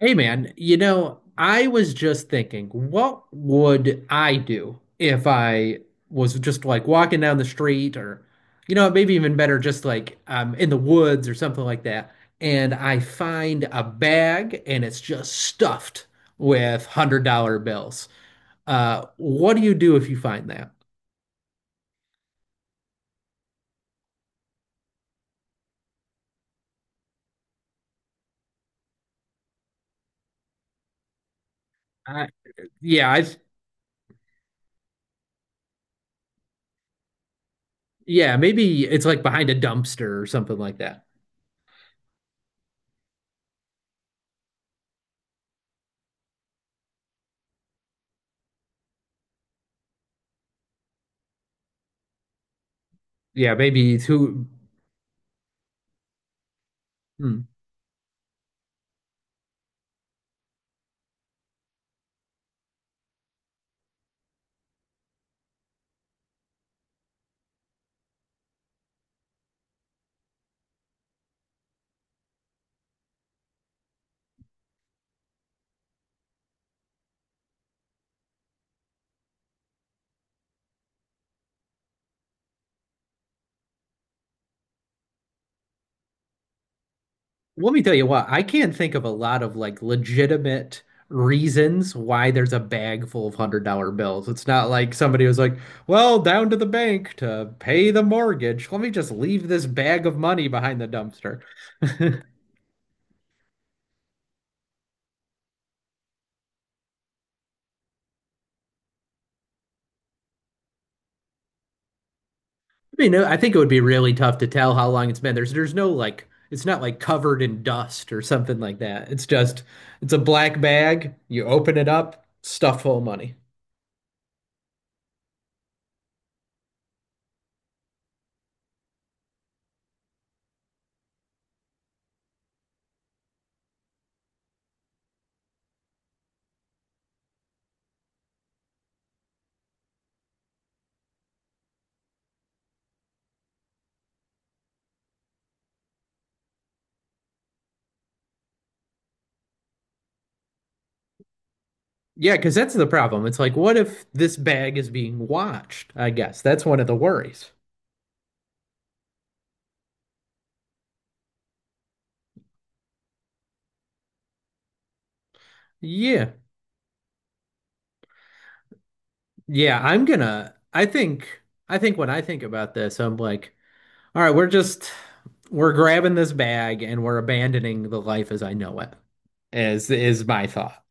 Hey man, you know, I was just thinking, what would I do if I was just like walking down the street or, you know, maybe even better, just like in the woods or something like that, and I find a bag and it's just stuffed with $100 bills. What do you do if you find that? I, yeah, yeah, maybe it's like behind a dumpster or something like that. Yeah, maybe it's who. Hmm. Let me tell you what, I can't think of a lot of like legitimate reasons why there's a bag full of $100 bills. It's not like somebody was like, well, down to the bank to pay the mortgage. Let me just leave this bag of money behind the dumpster. I I think it would be really tough to tell how long it's been. There's no like it's not like covered in dust or something like that. It's just it's a black bag. You open it up, stuff full of money. Yeah, because that's the problem. It's like, what if this bag is being watched? I guess that's one of the worries. Yeah. Yeah, I think I think when I think about this, I'm like, all right, we're just we're grabbing this bag and we're abandoning the life as I know it, is my thought.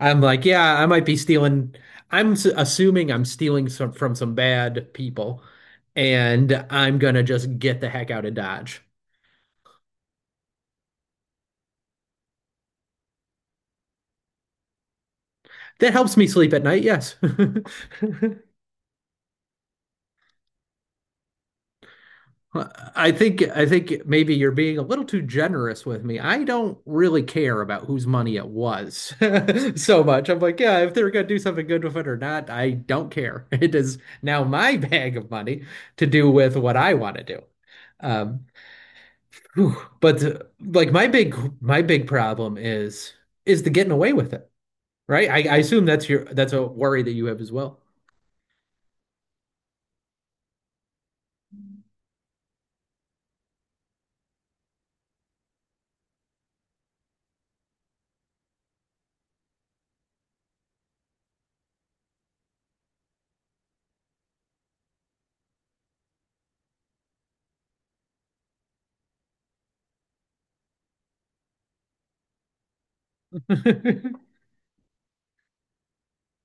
I'm like, yeah, I might be stealing. Assuming I'm stealing some from some bad people, and I'm gonna just get the heck out of Dodge. That helps me sleep at night, yes. Well, I think maybe you're being a little too generous with me. I don't really care about whose money it was so much. I'm like, yeah, if they're gonna do something good with it or not, I don't care. It is now my bag of money to do with what I want to do. Um, Whew. But like my big problem is the getting away with it, right? I assume that's your that's a worry that you have as well.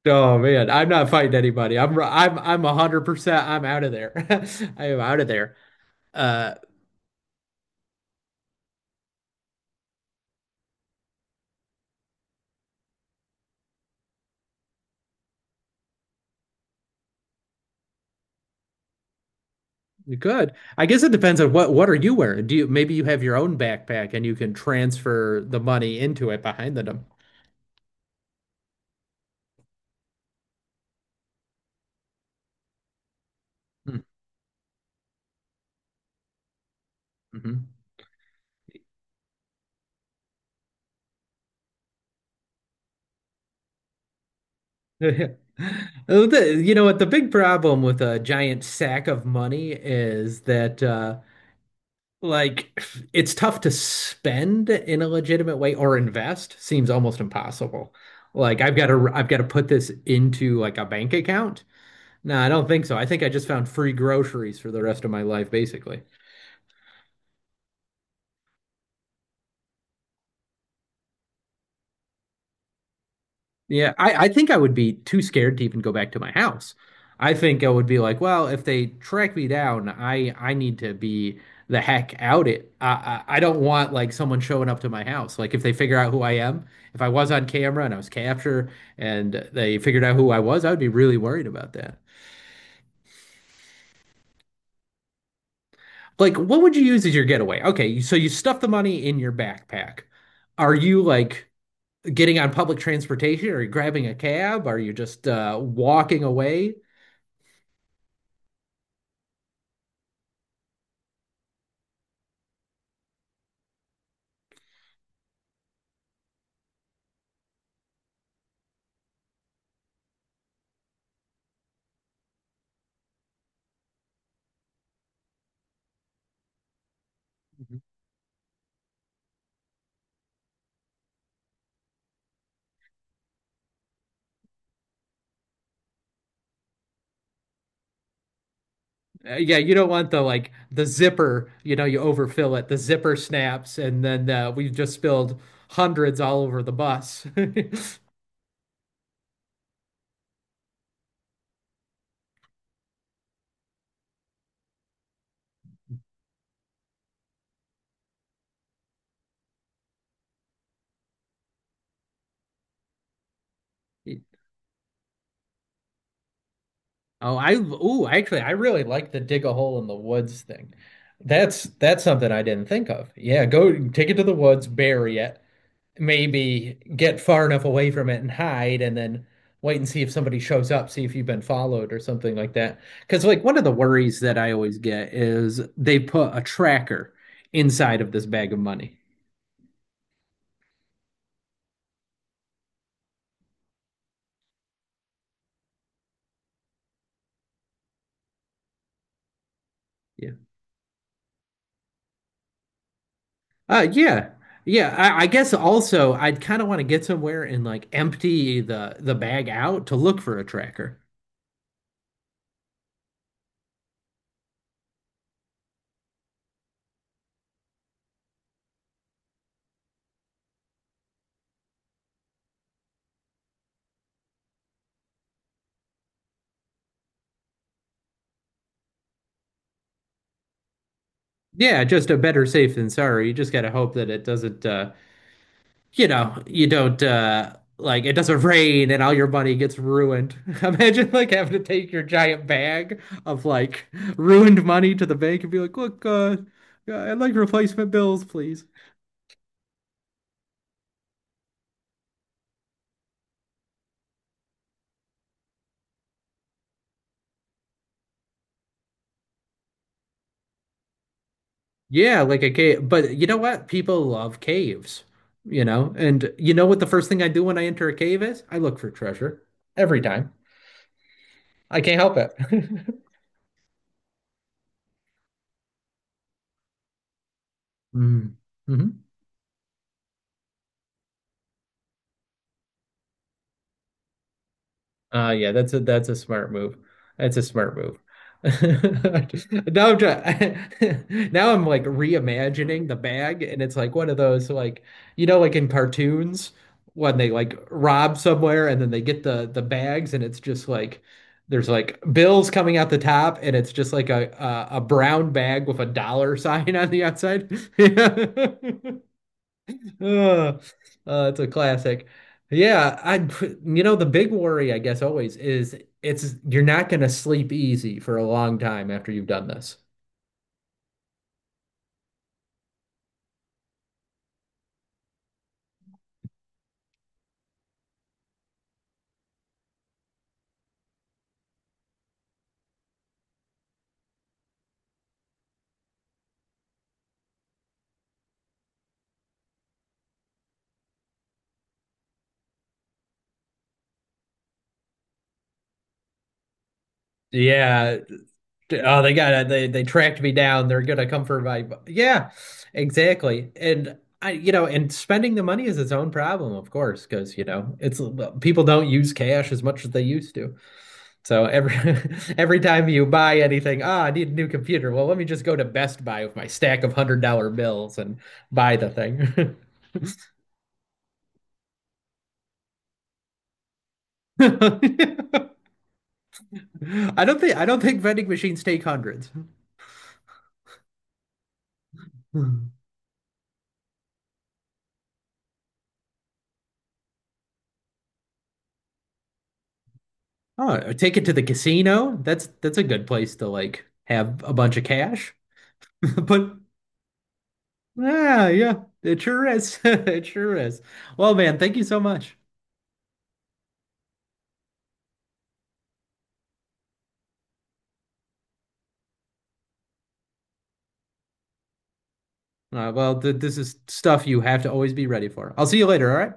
Oh man, I'm not fighting anybody. I'm 100% I'm out of there. I am out of there. Uh Good. I guess it depends on what are you wearing? Do you maybe you have your own backpack and you can transfer the money into it behind the Mhm. The- You know what? The big problem with a giant sack of money is that like, it's tough to spend in a legitimate way or invest seems almost impossible. Like, I've got to put this into like a bank account. No, I don't think so. I think I just found free groceries for the rest of my life, basically. Yeah, I think I would be too scared to even go back to my house. I think I would be like, well, if they track me down, I need to be the heck out it. I don't want like someone showing up to my house. Like if they figure out who I am, if I was on camera and I was captured and they figured out who I was, I would be really worried about that. Like, what would you use as your getaway? Okay, so you stuff the money in your backpack. Are you like getting on public transportation? Are you grabbing a cab? Are you just walking away? Yeah, you don't want the like the zipper, you know, you overfill it, the zipper snaps, and then we've just spilled hundreds all over the bus. Actually, I really like the dig a hole in the woods thing. That's something I didn't think of. Yeah, go take it to the woods, bury it, maybe get far enough away from it and hide and then wait and see if somebody shows up, see if you've been followed or something like that. Because, like, one of the worries that I always get is they put a tracker inside of this bag of money. Yeah. Yeah. Yeah, I guess also I'd kind of want to get somewhere and like empty the bag out to look for a tracker. Yeah, just a better safe than sorry. You just gotta hope that it doesn't you know, you don't like it doesn't rain and all your money gets ruined. Imagine like having to take your giant bag of like ruined money to the bank and be like, "Look, yeah, I'd like replacement bills, please." Yeah, like a cave. But you know what? People love caves, you know? And you know what the first thing I do when I enter a cave is? I look for treasure every time. I can't help it. Mm-hmm. Yeah, that's a smart move. That's a smart move. Now I'm trying, now I'm like reimagining the bag and it's like one of those like you know like in cartoons when they like rob somewhere and then they get the bags and it's just like there's like bills coming out the top and it's just like a brown bag with a dollar sign on the outside. Yeah. Uh, it's a classic. Yeah, you know, the big worry, I guess, always is it's you're not going to sleep easy for a long time after you've done this. Yeah, oh, they got to they tracked me down. They're gonna come for my yeah, exactly. And you know, and spending the money is its own problem, of course, because you know it's people don't use cash as much as they used to. So every every time you buy anything, ah, I need a new computer. Well, let me just go to Best Buy with my stack of $100 bills and buy the thing. I don't think vending machines take hundreds. Oh, take it to the casino. That's a good place to like have a bunch of cash. But yeah, yeah, it sure is. It sure is. Well, man, thank you so much. Well, th this is stuff you have to always be ready for. I'll see you later, all right?